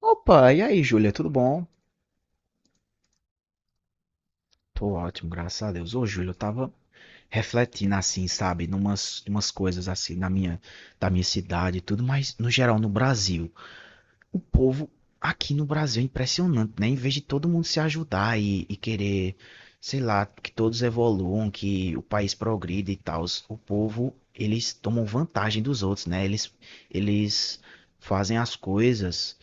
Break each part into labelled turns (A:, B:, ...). A: Opa, e aí, Júlia, tudo bom? Tô ótimo, graças a Deus. Ô, Júlia, eu tava refletindo assim, sabe, numas coisas assim da minha cidade e tudo, mas no geral no Brasil, o povo aqui no Brasil é impressionante, né? Em vez de todo mundo se ajudar e querer, sei lá, que todos evoluam, que o país progrida e tal, o povo, eles tomam vantagem dos outros, né? Eles fazem as coisas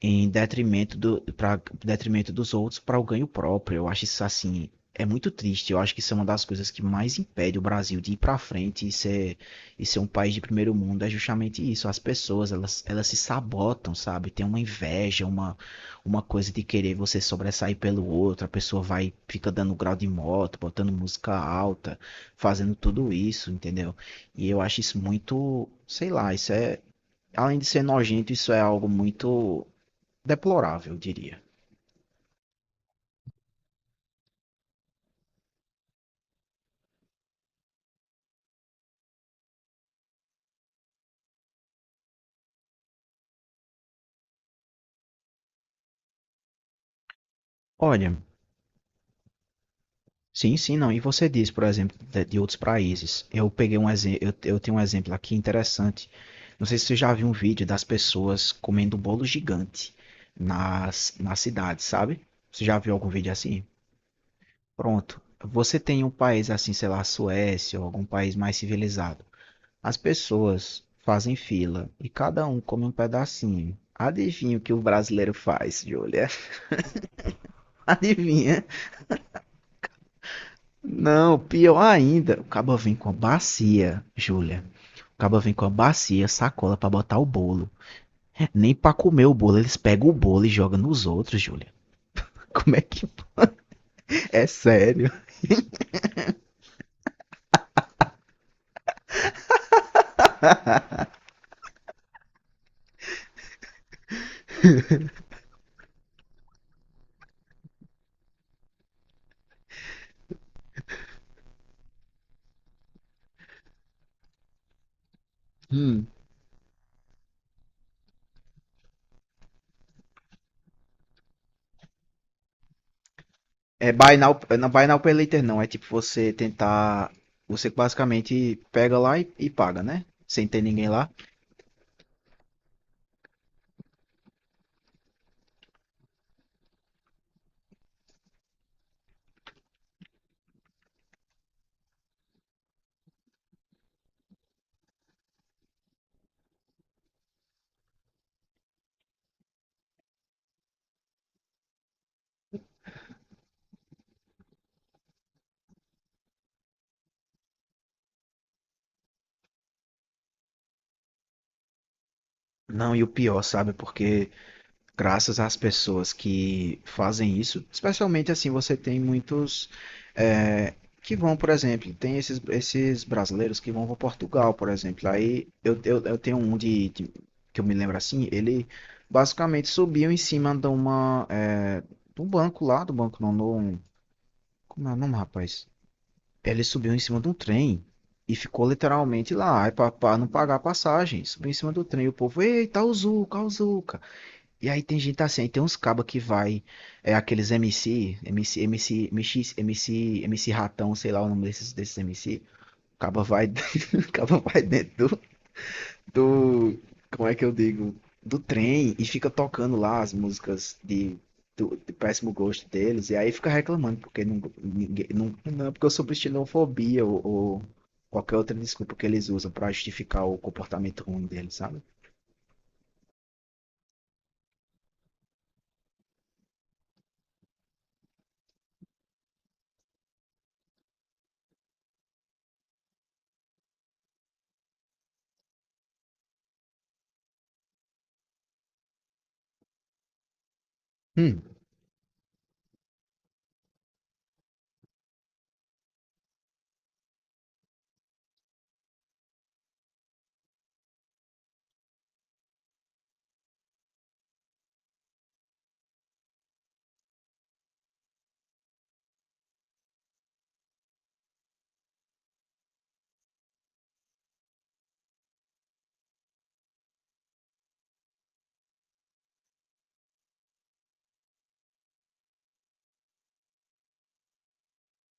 A: em detrimento dos outros para o ganho próprio. Eu acho isso assim, é muito triste. Eu acho que isso é uma das coisas que mais impede o Brasil de ir para frente e ser, um país de primeiro mundo. É justamente isso. As pessoas, elas se sabotam, sabe? Tem uma inveja, uma coisa de querer você sobressair pelo outro. A pessoa vai, fica dando grau de moto, botando música alta, fazendo tudo isso, entendeu? E eu acho isso muito, sei lá, isso é. Além de ser nojento, isso é algo muito deplorável, eu diria. Olha, sim, sim, não. E você diz, por exemplo, de outros países. Eu peguei um exemplo, eu tenho um exemplo aqui interessante. Não sei se você já viu um vídeo das pessoas comendo um bolo gigante na cidade, sabe? Você já viu algum vídeo assim? Pronto. Você tem um país assim, sei lá, Suécia ou algum país mais civilizado. As pessoas fazem fila e cada um come um pedacinho. Adivinha o que o brasileiro faz, Júlia? Adivinha? Não, pior ainda, o caba vem com a bacia, Júlia. O caba vem com a bacia, sacola pra botar o bolo. Nem pra comer o bolo, eles pegam o bolo e jogam nos outros, Júlia. Como é que. É sério. Hum. É buy now, não buy now pay later não, é tipo você tentar, você basicamente pega lá e paga, né? Sem ter ninguém lá. Não, e o pior, sabe? Porque graças às pessoas que fazem isso, especialmente assim, você tem muitos é, que vão, por exemplo, tem esses brasileiros que vão para Portugal, por exemplo. Aí eu, eu tenho um que eu me lembro assim, ele basicamente subiu em cima de de um banco lá, do banco não, não, como é o nome, rapaz? Ele subiu em cima de um trem. E ficou literalmente lá, para não pagar a passagem. Subiu em cima do trem. E o povo, eita, o Zuca, o Zuca. E aí tem gente assim, aí tem uns cabas que vai, é aqueles MC Ratão, sei lá o nome desses MC. O caba vai, o caba vai dentro do, como é que eu digo, do trem e fica tocando lá as músicas de péssimo gosto deles. E aí fica reclamando porque não, ninguém, não porque eu sou xenofobia ou qualquer outra desculpa que eles usam pra justificar o comportamento ruim deles, sabe? Hum.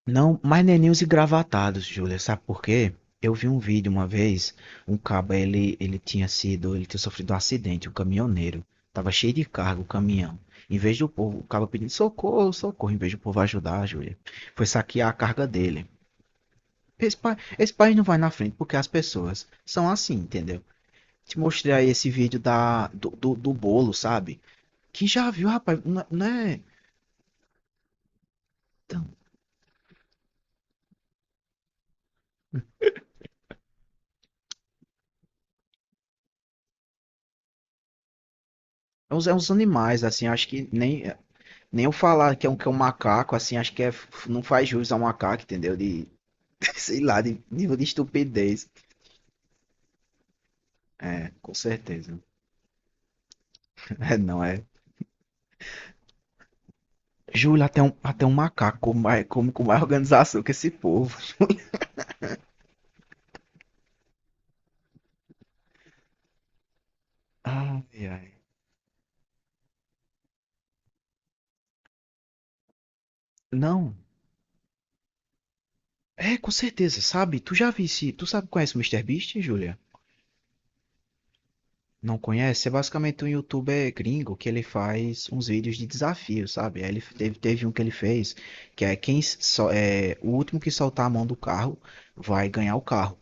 A: Não, mas nem os engravatados, Júlia, sabe por quê? Eu vi um vídeo uma vez, um cabo, ele tinha sofrido um acidente, um caminhoneiro, tava cheio de carga o caminhão. Em vez do povo, o cabo pedindo socorro, socorro, em vez do povo ajudar, Júlia, foi saquear a carga dele. Esse país não vai na frente porque as pessoas são assim, entendeu? Te mostrei aí esse vídeo do bolo, sabe? Que já viu, rapaz, não, não é... Então, é uns animais, assim, acho que nem. Nem eu falar que é um macaco, assim, acho que é, não faz jus ao macaco, entendeu? De, sei lá, de nível de estupidez. É, com certeza. É, não é. Júlio, até um macaco como com mais organização que esse povo. Ai, ai. Não. É, com certeza, sabe? Tu já vi se tu sabe, conhece o MrBeast, Júlia? Não conhece? É basicamente um youtuber gringo que ele faz uns vídeos de desafio, sabe? Aí ele teve um que ele fez, que é quem só é o último que soltar a mão do carro vai ganhar o carro.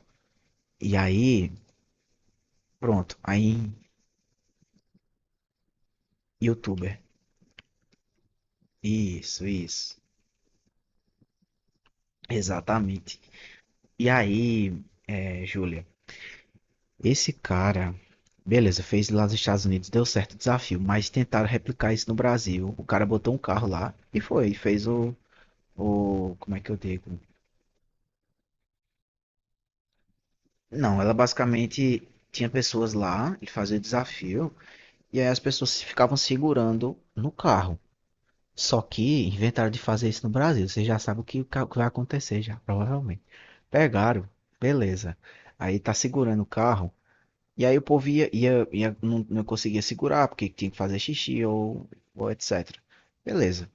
A: E aí, pronto, aí youtuber. Isso, isso. Exatamente. E aí, Júlia, esse cara, beleza, fez lá nos Estados Unidos, deu certo o desafio, mas tentaram replicar isso no Brasil. O cara botou um carro lá e fez o, como é que eu digo? Não, ela basicamente tinha pessoas lá, ele fazia o desafio, e aí as pessoas ficavam segurando no carro. Só que inventaram de fazer isso no Brasil. Você já sabe o que, o que vai acontecer já, provavelmente. Pegaram, beleza. Aí tá segurando o carro, e aí o povo não conseguia segurar, porque tinha que fazer xixi ou etc. Beleza.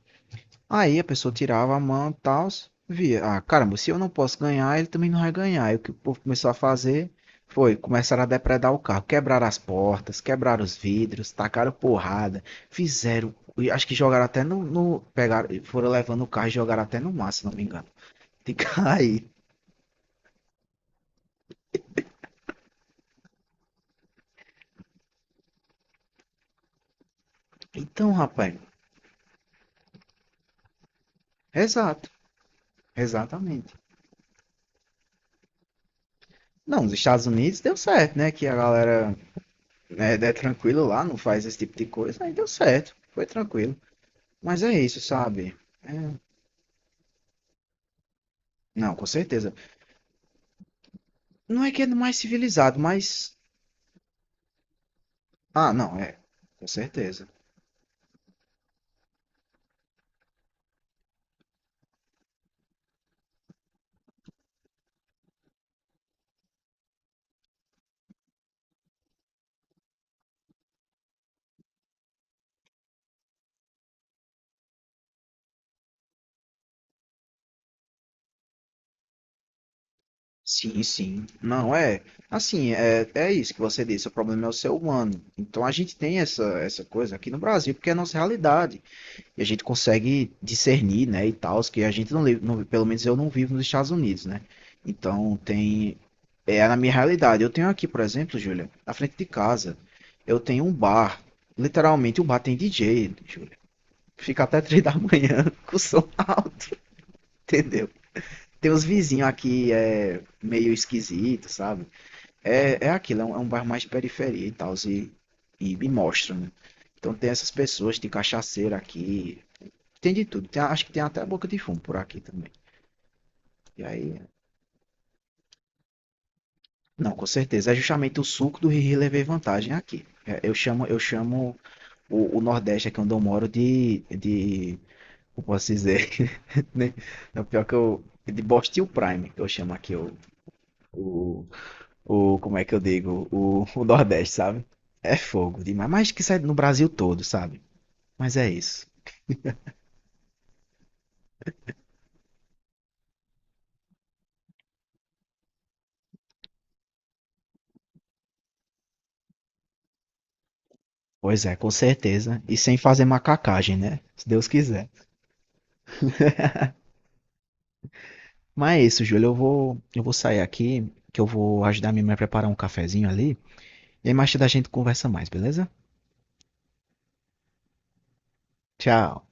A: Aí a pessoa tirava a mão e tal, via, ah, caramba, se eu não posso ganhar, ele também não vai ganhar. E o que o povo começou a fazer foi, começaram a depredar o carro, quebraram as portas, quebraram os vidros, tacaram porrada, fizeram, e acho que jogaram até pegaram, foram levando o carro e jogaram até no mar, se não me engano, de cair. Então, rapaz, exato, exatamente. Não, nos Estados Unidos deu certo, né, que a galera né, é tranquilo lá, não faz esse tipo de coisa, aí deu certo, foi tranquilo. Mas é isso, sabe? É. Não, com certeza. Não é que é mais civilizado, mas. Ah, não, é. Com certeza. Sim, sim. Não, é. Assim, é, é isso que você disse. O problema é o ser humano. Então a gente tem essa coisa aqui no Brasil, porque é a nossa realidade. E a gente consegue discernir, né, e tal, que a gente não, não, pelo menos eu não vivo nos Estados Unidos, né? Então tem é na minha realidade. Eu tenho aqui, por exemplo, Júlia, na frente de casa, eu tenho um bar. Literalmente o bar tem DJ, Júlia. Fica até 3 da manhã com o som alto, entendeu? Tem os vizinhos aqui é meio esquisito, sabe? É, é aquilo, é um bar mais de periferia e tal, e me mostra, né? Então tem essas pessoas, de cachaceiro aqui, tem de tudo. Acho que tem até a boca de fumo por aqui também. E aí. Não, com certeza. É justamente o suco do Riri levei vantagem aqui. É, Eu chamo o Nordeste aqui onde eu moro de. Como posso dizer? né? É o pior que eu. De Bostil Prime, que eu chamo aqui o. o, o como é que eu digo? O Nordeste, sabe? É fogo demais. Mas que sai no Brasil todo, sabe? Mas é isso. Pois é, com certeza. E sem fazer macacagem, né? Se Deus quiser. Mas é isso, Júlio. Eu vou sair aqui, que eu vou ajudar minha mãe a preparar um cafezinho ali. E aí mais tarde a gente conversa mais, beleza? Tchau.